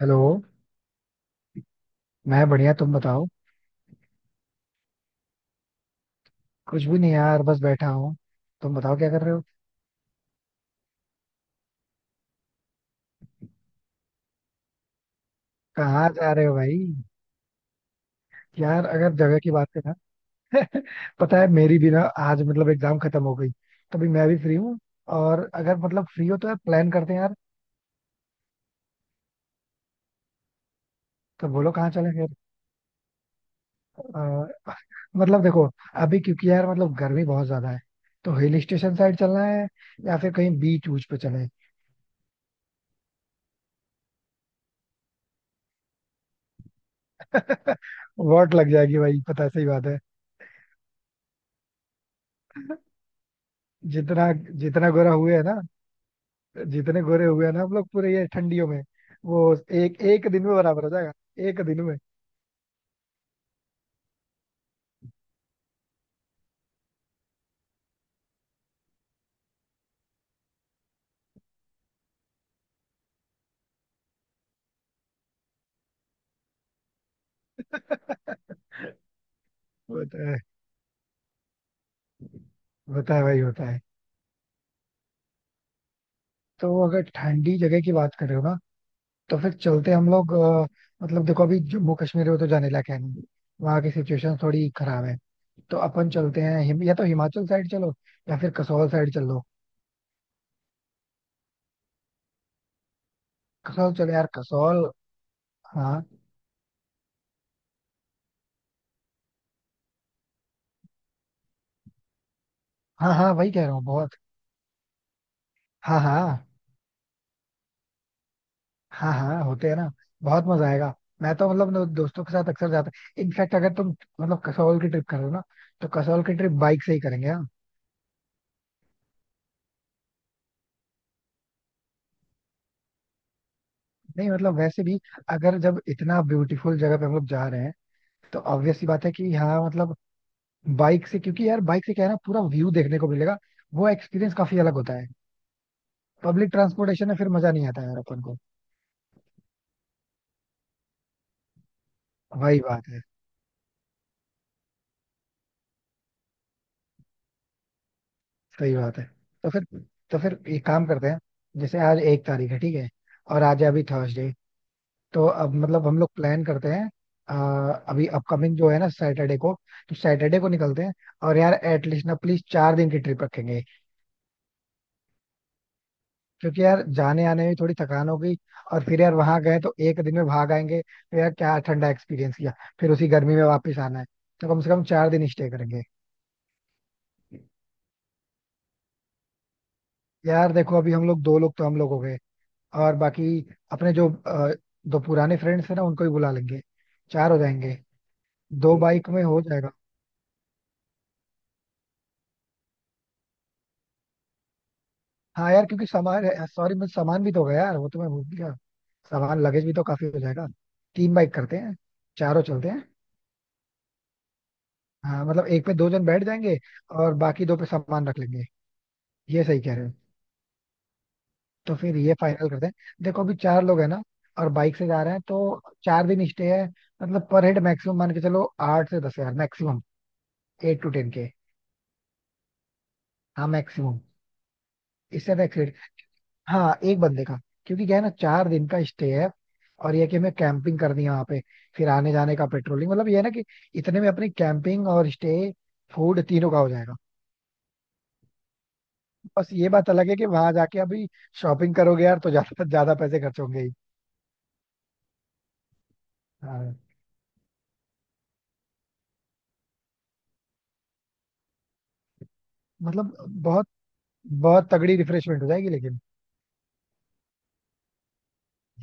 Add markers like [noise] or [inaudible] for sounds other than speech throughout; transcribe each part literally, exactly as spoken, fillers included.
Hello. मैं बढ़िया, तुम बताओ। कुछ भी नहीं यार, बस बैठा हूँ। तुम बताओ क्या कर रहे हो। कहाँ जा रहे हो भाई। यार अगर जगह की बात करें ना, [laughs] पता है मेरी भी ना, आज मतलब एग्जाम खत्म हो गई, तो अभी मैं भी फ्री हूँ। और अगर मतलब फ्री हो तो यार प्लान करते हैं यार। तो बोलो कहाँ चले फिर। अ, मतलब देखो, अभी क्योंकि यार मतलब गर्मी बहुत ज्यादा है, तो हिल स्टेशन साइड चलना है या फिर कहीं बीच ऊच पे चले। [laughs] वॉट लग जाएगी भाई, पता सही बात है। जितना जितना गोरा हुए है ना जितने गोरे हुए हैं ना हम लोग पूरे ये ठंडियों में, वो एक एक दिन में बराबर हो जाएगा। एक दिन में। [laughs] होता है, होता है भाई, होता है। तो अगर ठंडी जगह की बात कर रहे हो ना, तो फिर चलते हैं हम लोग। अ, मतलब देखो, अभी जम्मू कश्मीर में तो जाने लायक है नहीं, वहाँ की सिचुएशन थोड़ी खराब है। तो अपन चलते हैं हिम, या तो हिमाचल साइड चलो, या फिर कसौल साइड चल लो। कसौल चलो यार, कसौल। हाँ हाँ, हाँ वही कह रहा हूँ बहुत। हाँ हाँ, हाँ हाँ होते हैं ना। बहुत मजा आएगा। मैं तो मतलब अपने दोस्तों के साथ अक्सर जाता हूँ। इनफैक्ट अगर तुम मतलब कसौल की ट्रिप कर रहे हो ना, तो कसौल की ट्रिप बाइक से ही करेंगे, हाँ। नहीं मतलब वैसे भी, अगर जब इतना ब्यूटीफुल जगह पे हम लोग जा रहे हैं, तो ऑब्वियस सी बात है कि हाँ मतलब बाइक से, क्योंकि यार बाइक से क्या है ना, पूरा व्यू देखने को मिलेगा। वो एक्सपीरियंस काफी अलग होता है। पब्लिक ट्रांसपोर्टेशन में फिर मजा नहीं आता यार अपन को। वही बात है। सही बात है। तो फिर तो फिर एक काम करते हैं। जैसे आज एक तारीख है, ठीक है। और आज है अभी थर्सडे। तो अब मतलब हम लोग प्लान करते हैं, अ, अभी अपकमिंग जो है ना, सैटरडे को। तो सैटरडे को निकलते हैं। और यार एटलीस्ट ना प्लीज चार दिन की ट्रिप रखेंगे। क्योंकि यार जाने आने में थोड़ी थकान होगी, और फिर यार वहां गए तो एक दिन में भाग आएंगे तो यार क्या ठंडा एक्सपीरियंस किया। फिर उसी गर्मी में वापस आना है। तो कम से कम चार दिन स्टे करेंगे। यार देखो, अभी हम लोग दो लोग तो हम लोग हो गए, और बाकी अपने जो अ, दो पुराने फ्रेंड्स हैं ना, उनको भी बुला लेंगे। चार हो जाएंगे। दो बाइक में हो जाएगा। हाँ यार, क्योंकि सामान, सॉरी मैं सामान भी तो होगा यार, वो तो मैं भूल गया। सामान लगेज भी तो काफी हो जाएगा। तीन बाइक करते हैं, चारों चलते हैं। हाँ मतलब एक पे दो जन बैठ जाएंगे, और बाकी दो पे सामान रख लेंगे। ये सही कह रहे हो। तो फिर ये फाइनल करते हैं। देखो अभी चार लोग हैं ना, और बाइक से जा रहे हैं, तो चार दिन स्टे है मतलब, पर हेड मैक्सिमम मान के चलो, आठ से दस हजार मैक्सिमम। एट टू टेन के। हाँ मैक्सिमम, इससे ज्यादा। हाँ एक बंदे का। क्योंकि क्या है ना, चार दिन का स्टे है, और ये कि हमें कैंपिंग करनी है वहां पे। फिर आने जाने का पेट्रोलिंग मतलब ये है ना कि इतने में अपनी कैंपिंग और स्टे, फूड तीनों का हो जाएगा। बस ये बात अलग है कि वहां जाके अभी शॉपिंग करोगे यार तो ज्यादा ज्यादा पैसे खर्च होंगे ही। हाँ मतलब बहुत बहुत तगड़ी रिफ्रेशमेंट हो जाएगी लेकिन।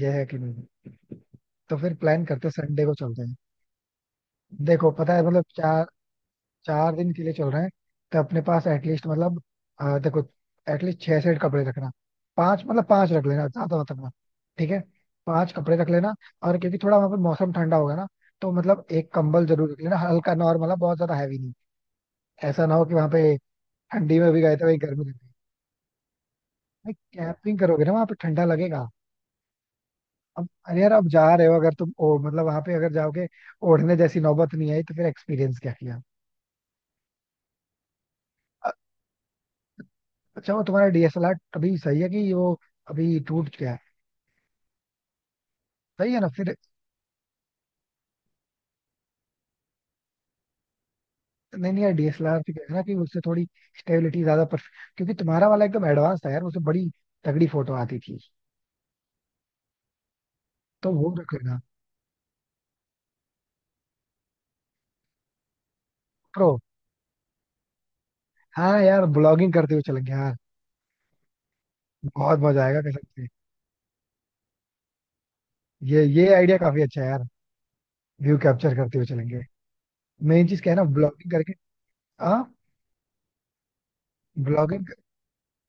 ये है कि नहीं। तो फिर प्लान करते हैं, संडे को चलते हैं। देखो पता है मतलब चार चार दिन के लिए चल रहे हैं, तो अपने पास एटलीस्ट मतलब, अ, देखो एटलीस्ट छह सेट कपड़े रखना, पांच मतलब पांच रख लेना, ज्यादा मत रखना। ठीक है, पांच कपड़े रख लेना। और क्योंकि थोड़ा वहां पर मौसम ठंडा होगा ना, तो मतलब एक कंबल जरूर रख लेना, हल्का नॉर्मल है, बहुत ज्यादा हैवी नहीं। ऐसा ना हो कि वहां पे ठंडी में भी गए थे वही गर्मी लग गई। भाई कैंपिंग करोगे ना वहां पे ठंडा लगेगा। अब अरे यार अब जा रहे हो, अगर तुम ओ मतलब वहां पे अगर जाओगे, ओढ़ने जैसी नौबत नहीं आई तो फिर एक्सपीरियंस क्या किया। अ- अच्छा वो तुम्हारा डी एस एल आर अभी सही है कि वो अभी टूट गया है? सही है ना फिर। नहीं नहीं यार डी एस एल आर से क्या है ना कि उससे थोड़ी स्टेबिलिटी ज्यादा पर, क्योंकि तुम्हारा वाला एकदम एडवांस था यार, उससे बड़ी तगड़ी फोटो आती थी। तो वो रख लेना। प्रो, हाँ यार ब्लॉगिंग करते हुए चलेंगे यार। बहुत मजा आएगा कसम से। ये ये आइडिया काफी अच्छा है यार। व्यू कैप्चर करते हुए चलेंगे। मेन चीज क्या है ना, ब्लॉगिंग करके। हाँ, ब्लॉगिंग।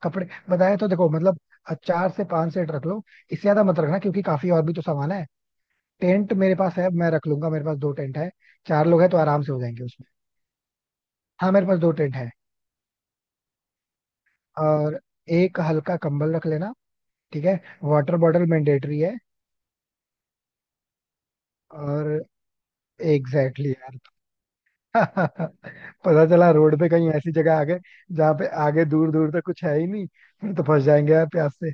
कपड़े बताया तो देखो मतलब, अ, चार से पांच सेट रख लो, इससे ज्यादा मत रखना क्योंकि काफी और भी तो सामान है। टेंट मेरे पास है, मैं रख लूंगा, मेरे पास दो टेंट है। चार लोग हैं तो आराम से हो जाएंगे उसमें। हाँ मेरे पास दो टेंट है। और एक हल्का कंबल रख लेना, ठीक है। वाटर बॉटल मैंडेटरी है। और एग्जैक्टली exactly यार। [laughs] पता चला रोड पे कहीं ऐसी जगह आ गए जहाँ पे आगे दूर दूर तक कुछ है ही नहीं, फिर तो फंस जाएंगे यार प्यास से।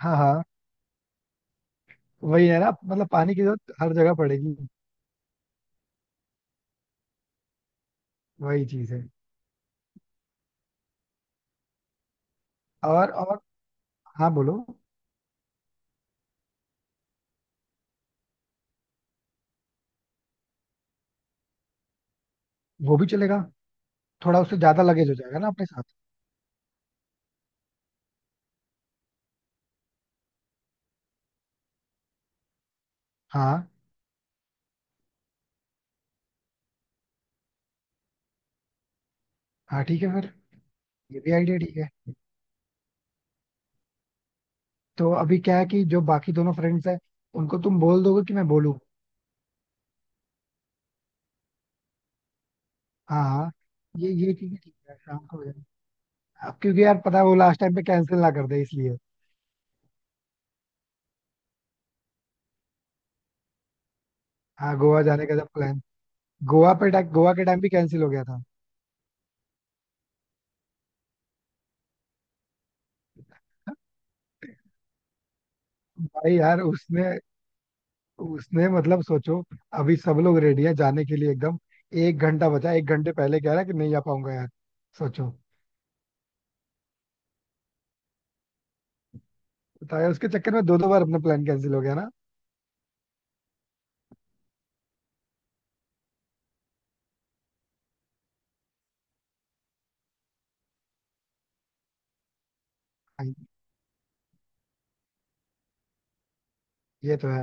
हाँ हाँ, वही है ना मतलब, पानी की जरूरत हर जगह पड़ेगी। वही चीज है। और और हाँ बोलो। वो भी चलेगा, थोड़ा उससे ज्यादा लगेज हो जाएगा ना अपने साथ। हाँ हाँ ठीक है फिर, ये भी आइडिया ठीक है। तो अभी क्या है कि जो बाकी दोनों फ्रेंड्स हैं, उनको तुम बोल दोगे कि मैं बोलूँ। हाँ हाँ, ये ये चीजें ठीक है, शाम को हो जाए। अब क्योंकि यार पता है वो लास्ट टाइम पे कैंसिल ना कर दे, इसलिए। हाँ, गोवा जाने का जब प्लान। गोवा पे टा- गोवा के टाइम भी कैंसिल हो गया था। भाई यार, उसने उसने मतलब सोचो, अभी सब लोग रेडी है जाने के लिए एकदम, एक घंटा बचा, एक घंटे पहले कह रहा है कि नहीं आ पाऊंगा यार। सोचो। बताया, उसके चक्कर में दो दो बार अपना प्लान कैंसिल हो गया ना। भाई, ये तो है।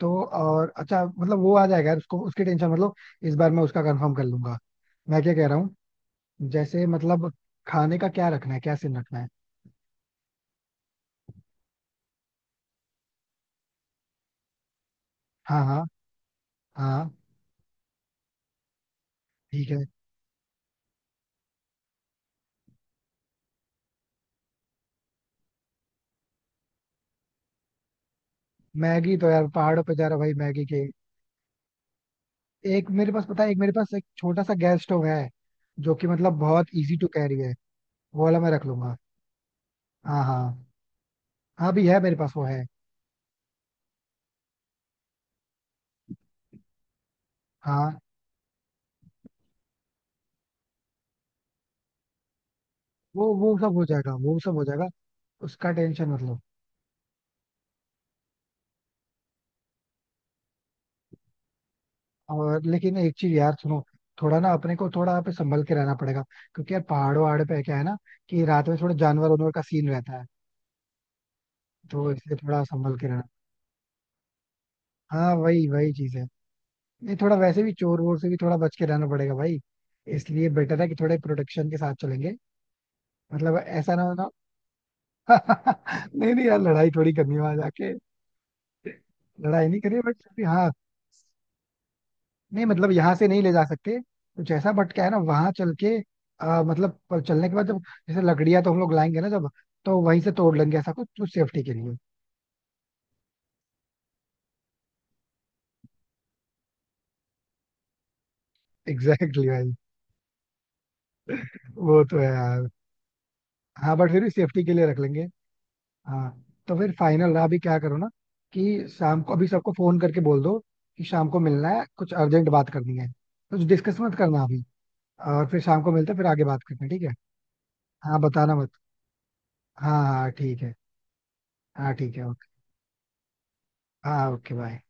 तो और अच्छा मतलब वो आ जाएगा यार उसको, उसकी टेंशन मतलब, इस बार मैं उसका कंफर्म कर लूंगा। मैं क्या कह रहा हूँ, जैसे मतलब खाने का क्या रखना है, क्या सीन रखना है। हाँ हाँ, हाँ ठीक है। मैगी तो यार पहाड़ों पे जा रहा भाई मैगी के। एक मेरे पास पता है एक मेरे पास एक छोटा सा गैस स्टोव है, जो कि मतलब बहुत इजी टू कैरी है। वो वाला मैं रख लूंगा। हाँ हाँ, हाँ भी है मेरे पास, वो है। हाँ वो वो सब हो जाएगा, वो सब हो जाएगा। उसका टेंशन मतलब। और लेकिन एक चीज यार सुनो, थोड़ा ना अपने को थोड़ा यहाँ पे संभल के रहना पड़ेगा। क्योंकि यार पहाड़ों वहाड़ों पे क्या है ना, कि रात में थोड़ा जानवर वानवर का सीन रहता है, तो इसलिए थोड़ा संभल के रहना। हाँ वही वही चीज है। नहीं थोड़ा वैसे भी चोर वोर से भी थोड़ा बच के रहना पड़ेगा भाई, इसलिए बेटर है कि थोड़े प्रोटेक्शन के साथ चलेंगे। मतलब ऐसा ना हो ना, [laughs] नहीं नहीं यार, लड़ाई थोड़ी करनी है वहां जाके। लड़ाई नहीं करी बट फिर भी हाँ। नहीं मतलब यहाँ से नहीं ले जा सकते कुछ ऐसा, बट क्या है ना वहां चल के, आ, मतलब पर चलने के बाद जब, जैसे लकड़ियां तो हम लोग लाएंगे ना जब, तो वहीं से तोड़ लेंगे ऐसा कुछ कुछ सेफ्टी के लिए। एग्जैक्टली exactly भाई। वो तो है यार। हाँ बट फिर भी सेफ्टी के लिए रख लेंगे। हाँ, तो फिर फाइनल अभी क्या करो ना, कि शाम को अभी सबको फोन करके बोल दो कि शाम को मिलना है, कुछ अर्जेंट बात करनी है। कुछ डिस्कस मत करना अभी। और फिर शाम को मिलते हैं, फिर आगे बात करते हैं, ठीक है। हाँ बताना मत। हाँ हाँ ठीक है। हाँ ठीक है, ओके। हाँ ओके, बाय।